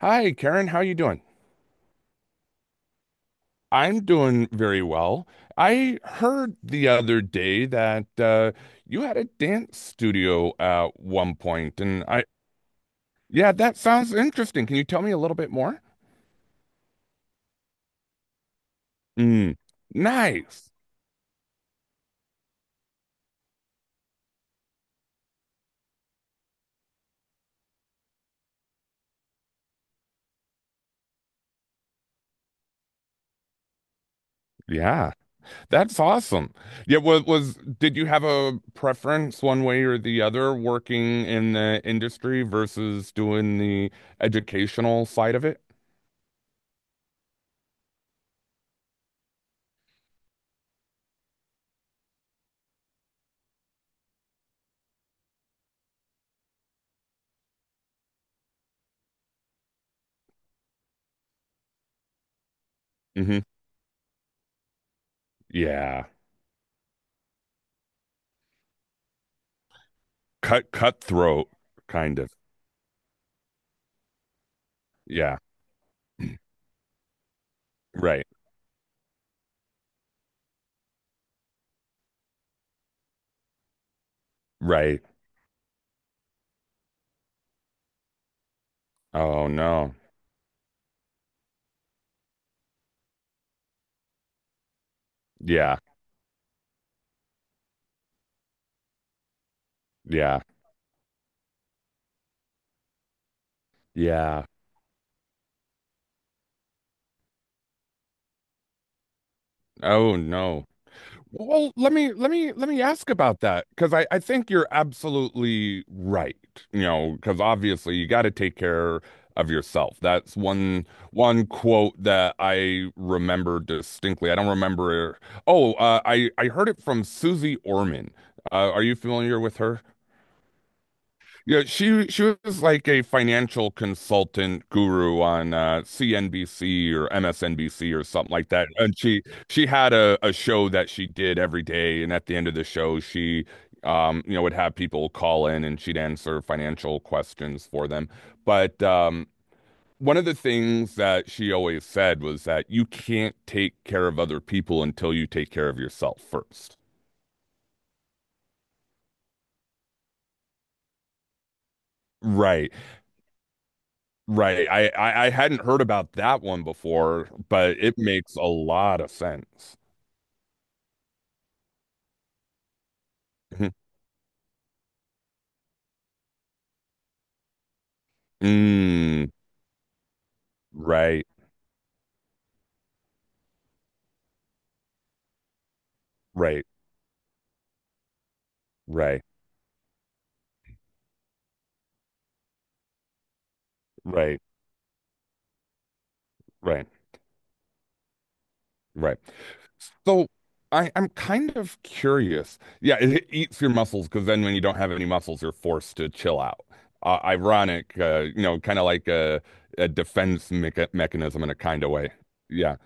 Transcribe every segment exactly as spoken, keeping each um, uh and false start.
Hi, Karen. How you doing? I'm doing very well. I heard the other day that uh, you had a dance studio at one point, and I, yeah, that sounds interesting. Can you tell me a little bit more? Mm, nice. Yeah, that's awesome. Yeah, was, was did you have a preference one way or the other working in the industry versus doing the educational side of it? Hmm. Yeah, cut cutthroat kind of. Yeah. Right. Right. Oh no. Yeah. Yeah. Yeah. Oh no. Well, let me let me let me ask about that because I I think you're absolutely right. You know, because obviously you got to take care of yourself. That's one one quote that I remember distinctly. I don't remember. Oh, uh, I I heard it from Susie Orman. Uh, are you familiar with her? Yeah, she she was like a financial consultant guru on uh, C N B C or M S N B C or something like that. And she she had a, a show that she did every day, and at the end of the show, she um you know would have people call in and she'd answer financial questions for them. But um one of the things that she always said was that you can't take care of other people until you take care of yourself first. Right. Right. I, I I hadn't heard about that one before, but it makes a lot of sense. Mhm. Mm, right, right, right, right, right, right. So I, I'm kind of curious. Yeah, it, it eats your muscles because then when you don't have any muscles, you're forced to chill out. Uh, ironic, uh, you know, kind of like a, a defense mecha mechanism in a kind of way. Yeah.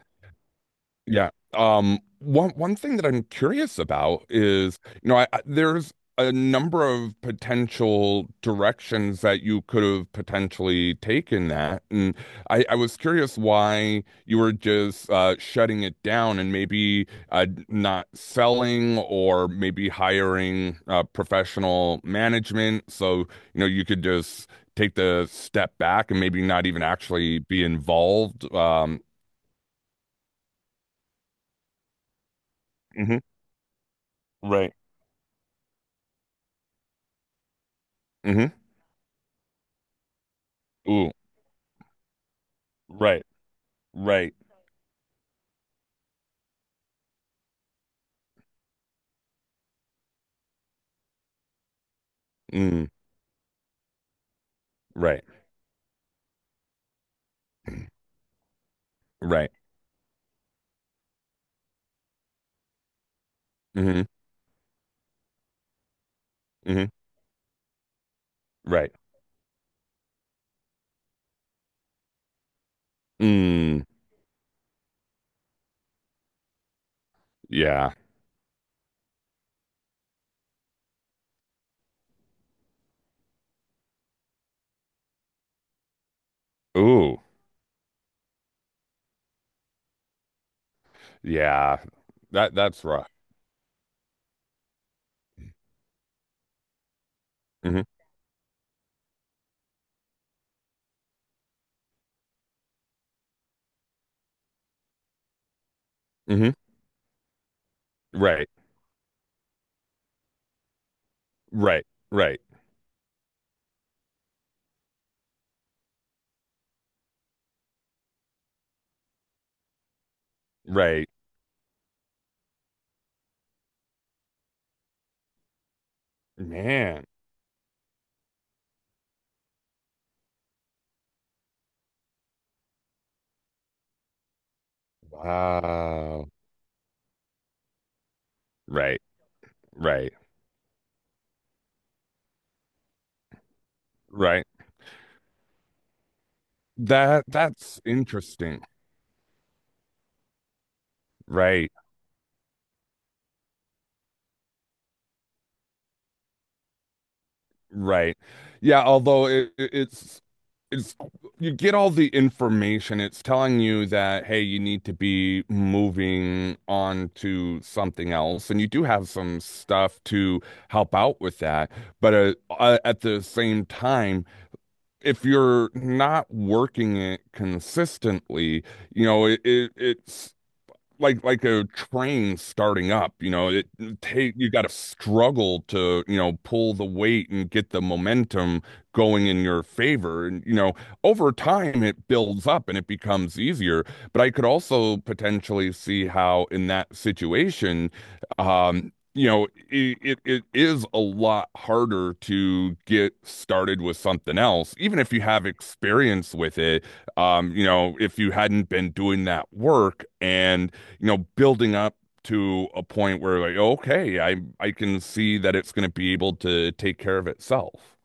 Yeah. Um, one one thing that I'm curious about is, you know, I, I- there's a number of potential directions that you could have potentially taken that. And I, I was curious why you were just uh, shutting it down and maybe uh, not selling or maybe hiring uh, professional management. So, you know, you could just take the step back and maybe not even actually be involved. Um, Mhm. Right. Mhm. Ooh, right, right, mm, right, right, mm-hmm, mm-hmm, right, mm, yeah, ooh, yeah, that that's rough. Mm-hmm, mm-hmm, right, right, right, right, man, wow, right, right, right. That that's interesting, right. Right. Yeah, although it, it- it's it's you get all the information. It's telling you that hey, you need to be moving on to something else, and you do have some stuff to help out with that. But uh, uh, at the same time, if you're not working it consistently, you know, it, it it's like like a train starting up, you know, it take you got to struggle to, you know, pull the weight and get the momentum going in your favor. And, you know, over time it builds up and it becomes easier. But I could also potentially see how in that situation, um, you know, it, it it is a lot harder to get started with something else, even if you have experience with it. Um, you know, if you hadn't been doing that work and you know, building up to a point where like, okay, I I can see that it's going to be able to take care of itself.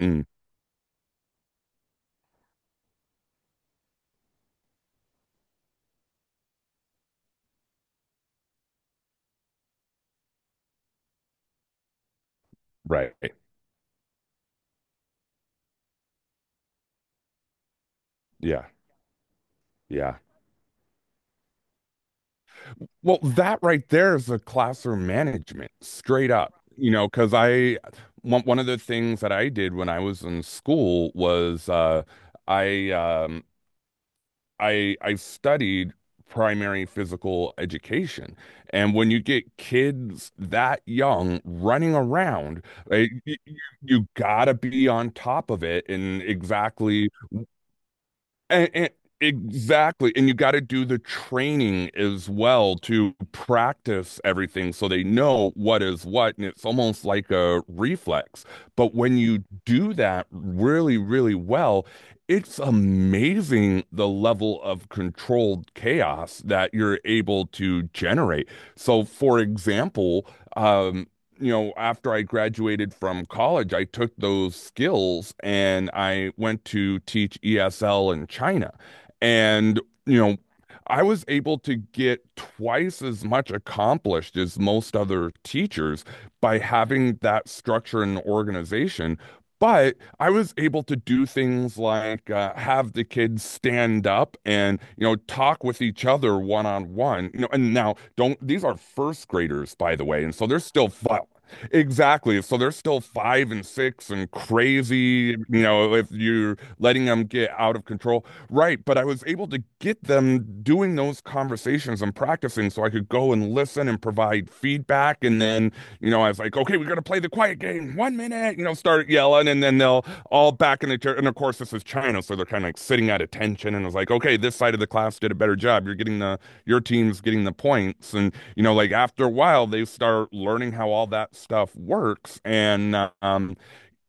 Mm, right. Yeah. Yeah. Well, that right there is a classroom management, straight up. You know, because I one one of the things that I did when I was in school was uh, I um, I I studied primary physical education. And when you get kids that young running around, like, you, you you gotta be on top of it and exactly and, and exactly. And you got to do the training as well to practice everything so they know what is what. And it's almost like a reflex. But when you do that really, really well, it's amazing the level of controlled chaos that you're able to generate. So, for example, um, you know, after I graduated from college, I took those skills and I went to teach E S L in China. And, you know, I was able to get twice as much accomplished as most other teachers by having that structure and organization. But I was able to do things like uh, have the kids stand up and, you know, talk with each other one on one. You know, and now don't, these are first graders, by the way. And so they're still exactly. So they're still five and six and crazy, you know, if you're letting them get out of control. Right. But I was able to get them doing those conversations and practicing so I could go and listen and provide feedback. And then, you know, I was like, okay, we're going to play the quiet game. One minute, you know, start yelling. And then they'll all back in the chair. And of course, this is China. So they're kind of like sitting at attention. And I was like, okay, this side of the class did a better job. You're getting the, your team's getting the points. And, you know, like after a while, they start learning how all that stuff works. And, um,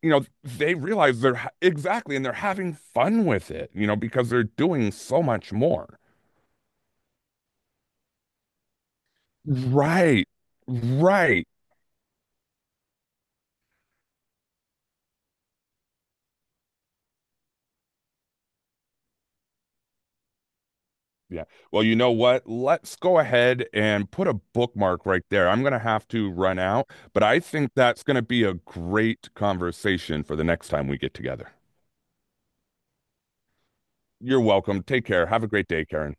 you know, they realize they're ha- exactly, and they're having fun with it, you know, because they're doing so much more. Right. Right. Yeah. Well, you know what? Let's go ahead and put a bookmark right there. I'm going to have to run out, but I think that's going to be a great conversation for the next time we get together. You're welcome. Take care. Have a great day, Karen.